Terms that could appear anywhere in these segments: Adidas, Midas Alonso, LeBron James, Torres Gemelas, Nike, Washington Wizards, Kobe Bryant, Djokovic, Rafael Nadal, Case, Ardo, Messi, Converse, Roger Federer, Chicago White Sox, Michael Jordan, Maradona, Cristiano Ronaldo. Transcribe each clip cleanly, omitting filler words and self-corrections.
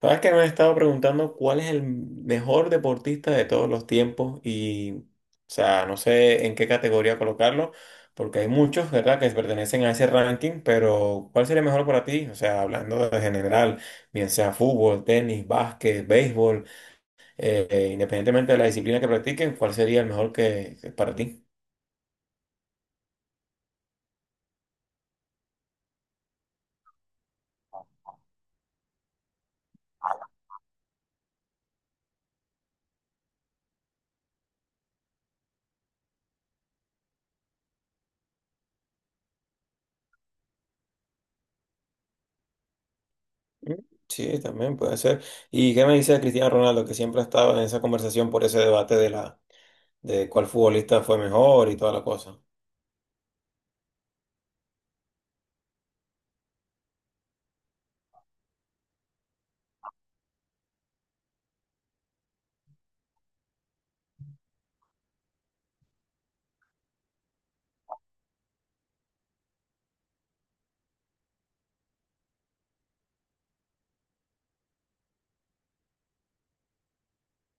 Sabes que me han estado preguntando cuál es el mejor deportista de todos los tiempos y, o sea, no sé en qué categoría colocarlo, porque hay muchos, ¿verdad?, que pertenecen a ese ranking, pero ¿cuál sería mejor para ti? O sea, hablando de general, bien sea fútbol, tenis, básquet, béisbol, independientemente de la disciplina que practiquen, ¿cuál sería el mejor que para ti? Sí, también puede ser. ¿Y qué me dice de Cristiano Ronaldo, que siempre ha estado en esa conversación por ese debate de cuál futbolista fue mejor y toda la cosa?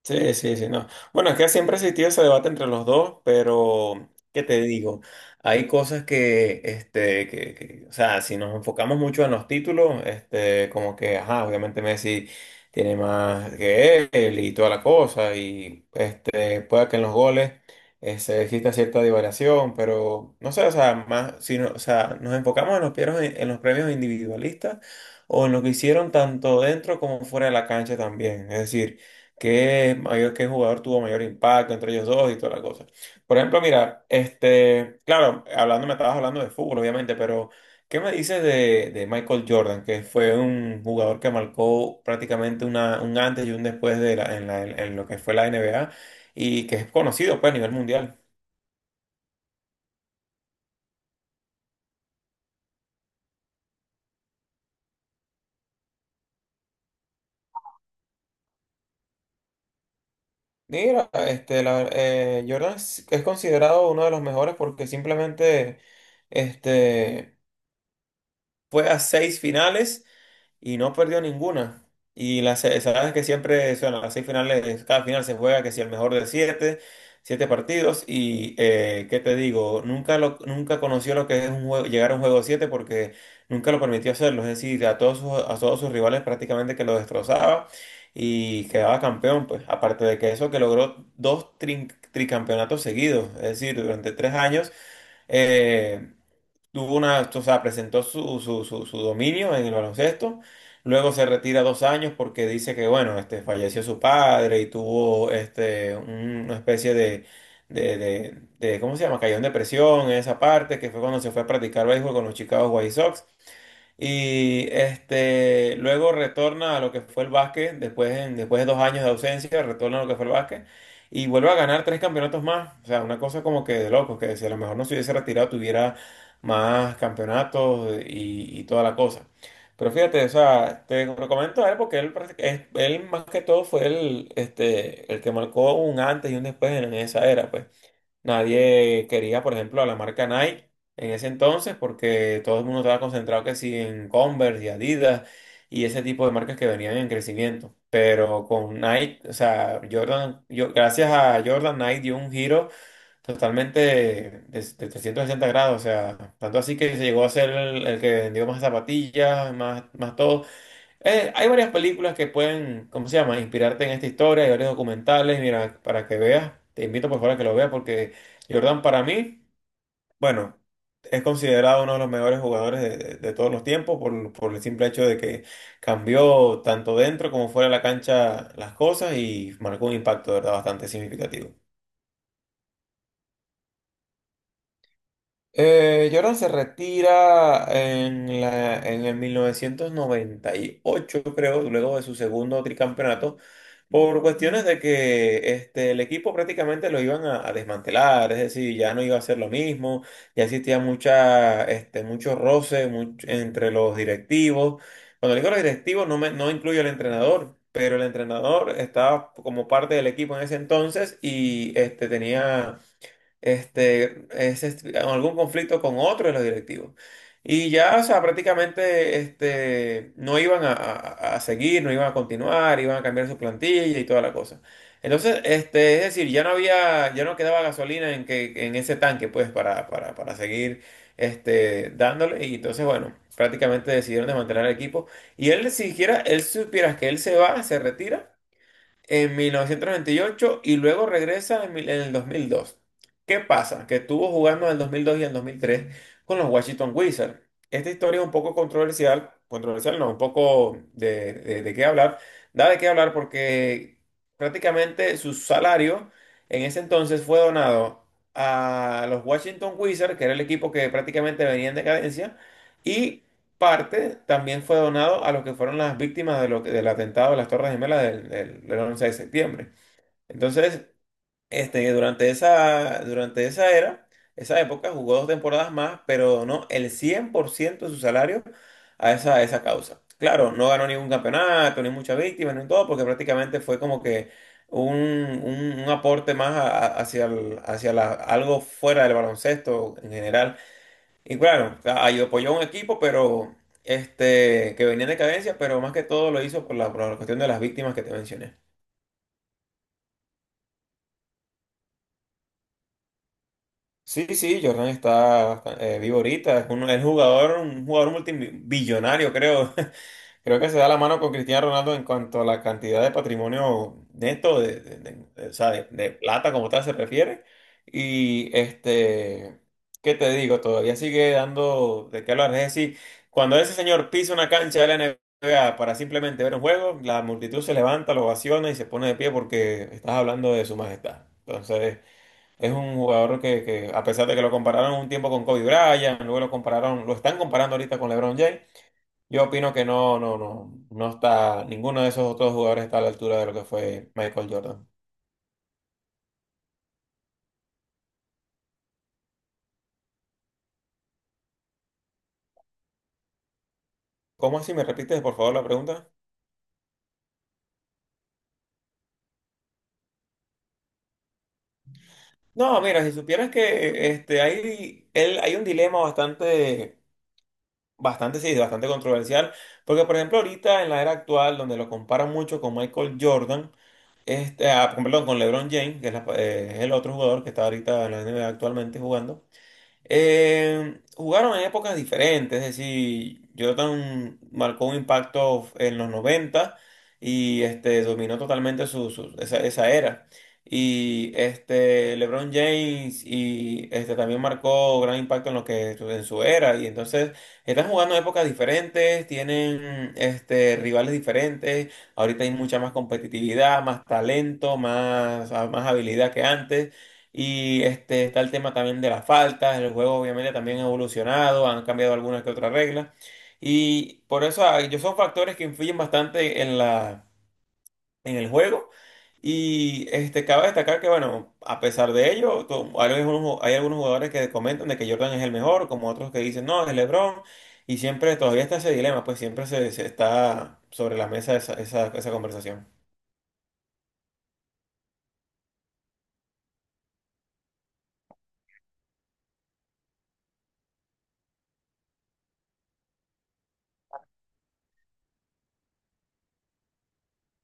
Sí, sí, sí, no. Bueno, es que siempre ha existido ese debate entre los dos, pero ¿qué te digo? Hay cosas que, este, o sea, si nos enfocamos mucho en los títulos, este, como que, ajá, obviamente Messi tiene más que él y toda la cosa, y este, pueda que en los goles este, exista cierta divariación, pero no sé, o sea, más, o sea, nos enfocamos en los premios individualistas o en lo que hicieron tanto dentro como fuera de la cancha también, es decir qué jugador tuvo mayor impacto entre ellos dos y toda la cosa. Por ejemplo, mira, este, claro, me estabas hablando de fútbol, obviamente, pero ¿qué me dices de Michael Jordan, que fue un jugador que marcó prácticamente un antes y un después de la- en lo que fue la NBA y que es conocido pues, a nivel mundial? Mira, este, Jordan es considerado uno de los mejores porque simplemente este, fue a 6 finales y no perdió ninguna. Sabes que siempre son las 6 finales, cada final se juega que si el mejor de 7, 7 partidos. Y qué te digo, nunca conoció lo que es un juego, llegar a un juego 7 porque nunca lo permitió hacerlo. Es decir, a todos sus rivales prácticamente que lo destrozaba y quedaba campeón, pues. Aparte de que eso que logró tricampeonatos seguidos, es decir, durante 3 años. eh, Tuvo una, o sea, presentó su dominio en el baloncesto. Luego se retira 2 años porque dice que, bueno, este, falleció su padre y tuvo este, una especie ¿cómo se llama? Cayó en depresión en esa parte, que fue cuando se fue a practicar béisbol con los Chicago White Sox. Y este, luego retorna a lo que fue el básquet, después, después de 2 años de ausencia, retorna a lo que fue el básquet y vuelve a ganar 3 campeonatos más. O sea, una cosa como que de locos, que si a lo mejor no se hubiese retirado tuviera más campeonatos y toda la cosa. Pero fíjate, o sea, te lo comento a él porque él, él más que todo fue el, este, el que marcó un antes y un después en esa era, pues. Nadie quería, por ejemplo, a la marca Nike en ese entonces porque todo el mundo estaba concentrado que sí en Converse y Adidas y ese tipo de marcas que venían en crecimiento. Pero con Nike, o sea, Jordan, yo, gracias a Jordan, Nike dio un giro totalmente de 360 grados. O sea, tanto así que se llegó a ser el que vendió más zapatillas, más todo. Hay varias películas que pueden, ¿cómo se llama?, inspirarte en esta historia, hay varios documentales, mira, para que veas, te invito por favor a que lo veas porque Jordan para mí, bueno, es considerado uno de los mejores jugadores de todos los tiempos por el simple hecho de que cambió tanto dentro como fuera de la cancha las cosas y marcó un impacto, de verdad, bastante significativo. Jordan se retira en el 1998, creo, luego de su segundo tricampeonato, por cuestiones de que este, el equipo prácticamente lo iban a desmantelar, es decir, ya no iba a ser lo mismo, ya existía mucho roce entre los directivos. Cuando digo los directivos, no incluyo al entrenador. Pero el entrenador estaba como parte del equipo en ese entonces y este, tenía este, en algún conflicto con otro de los directivos. Y ya, o sea, prácticamente este, no iban a seguir, no iban a continuar, iban a cambiar su plantilla y toda la cosa. Entonces, este, es decir, ya no había, ya no quedaba gasolina en ese tanque, pues, para seguir este, dándole. Y entonces, bueno, prácticamente decidieron desmantelar el equipo. Y él, siquiera, él si supieras que se retira en 1998 y ocho y luego regresa en el 2002. ¿Qué pasa? Que estuvo jugando en el 2002 y en el 2003 con los Washington Wizards. Esta historia es un poco controversial, controversial no, un poco de qué hablar, da de qué hablar porque prácticamente su salario en ese entonces fue donado a los Washington Wizards, que era el equipo que prácticamente venía en decadencia, y parte también fue donado a lo que fueron las víctimas de del atentado de las Torres Gemelas del 11 de septiembre. Entonces, este, durante esa era, esa época, jugó 2 temporadas más, pero donó el 100% de su salario a esa causa. Claro, no ganó ningún campeonato, ni muchas víctimas, ni todo, porque prácticamente fue como que un aporte más hacia, hacia algo fuera del baloncesto en general y claro, apoyó a un equipo, pero este, que venía en decadencia, pero más que todo lo hizo por la cuestión de las víctimas que te mencioné. Sí, sí, Jordan está vivo ahorita, es un, es jugador, un jugador multibillonario, creo. Creo que se da la mano con Cristiano Ronaldo en cuanto a la cantidad de patrimonio neto, o sea, de plata como tal se refiere. Y este, ¿qué te digo? Todavía sigue dando de qué hablar. Es decir, cuando ese señor pisa una cancha de la NBA para simplemente ver un juego, la multitud se levanta, lo ovaciona y se pone de pie porque estás hablando de su majestad. Entonces, es un jugador que a pesar de que lo compararon un tiempo con Kobe Bryant, luego lo compararon, lo están comparando ahorita con LeBron James. Yo opino que no está, ninguno de esos otros jugadores está a la altura de lo que fue Michael Jordan. ¿Cómo así? ¿Me repites, por favor, la pregunta? No, mira, si supieras que este, hay un dilema bastante, bastante, sí, bastante controversial, porque por ejemplo ahorita en la era actual, donde lo comparan mucho con Michael Jordan, este, perdón, con LeBron James, que es, es el otro jugador que está ahorita en la NBA actualmente jugando. Jugaron en épocas diferentes, es decir, Jordan marcó un impacto en los 90 y este, dominó totalmente esa, esa era. Y este, LeBron James y este, también marcó gran impacto en lo que en su era. Y entonces están jugando en épocas diferentes, tienen este, rivales diferentes. Ahorita hay mucha más competitividad, más talento, más habilidad que antes. Y este, está el tema también de las faltas, el juego obviamente también ha evolucionado, han cambiado algunas que otras reglas. Y por eso yo son factores que influyen bastante en el juego. Y este, cabe destacar que, bueno, a pesar de ello, hay algunos jugadores que comentan de que Jordan es el mejor, como otros que dicen, no, es LeBron. Y siempre, todavía está ese dilema, pues siempre se está sobre la mesa esa conversación.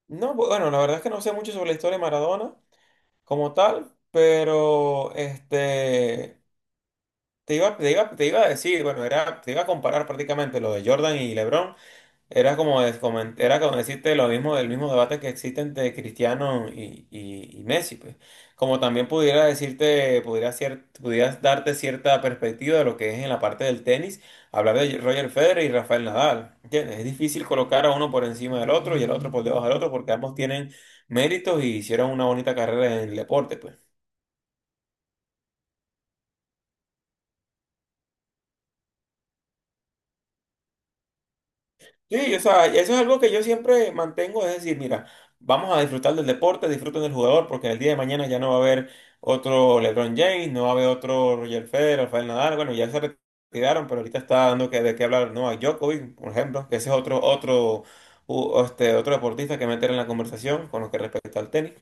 No, bueno, la verdad es que no sé mucho sobre la historia de Maradona como tal, pero este, te iba a decir, bueno, era, te iba a comparar prácticamente lo de Jordan y LeBron, era como, era como decirte lo mismo del mismo debate que existe entre Cristiano y Messi, pues. Como también pudiera decirte, pudieras darte cierta perspectiva de lo que es en la parte del tenis, hablar de Roger Federer y Rafael Nadal, ¿entiendes? Es difícil colocar a uno por encima del otro y el otro por debajo del otro porque ambos tienen méritos y hicieron una bonita carrera en el deporte, pues. Sí, o sea, eso es algo que yo siempre mantengo, es decir, mira, vamos a disfrutar del deporte, disfruten del jugador, porque el día de mañana ya no va a haber otro LeBron James, no va a haber otro Roger Federer, Rafael Nadal, bueno, ya se retiraron, pero ahorita está dando que, de qué hablar, no, a Djokovic, por ejemplo, que ese es otro, otro, este, otro deportista que meter en la conversación con lo que respecta al tenis.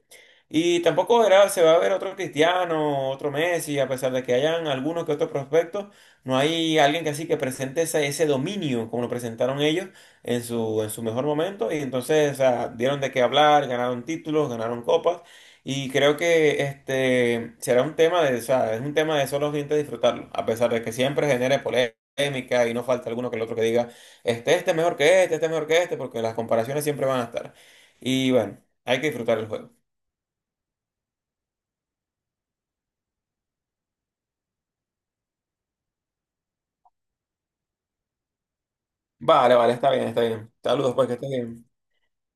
Y tampoco se va a ver otro Cristiano, otro Messi, a pesar de que hayan algunos que otros prospectos, no hay alguien que así que presente ese, ese dominio como lo presentaron ellos en su mejor momento. Y entonces, o sea, dieron de qué hablar, ganaron títulos, ganaron copas. Y creo que este será un tema de, o sea, es un tema de solo gente disfrutarlo, a pesar de que siempre genere polémica y no falta alguno que el otro que diga, este es mejor que este es mejor que este, porque las comparaciones siempre van a estar. Y bueno, hay que disfrutar el juego. Vale, vale, está bien, está bien. Saludos, pues que estés bien.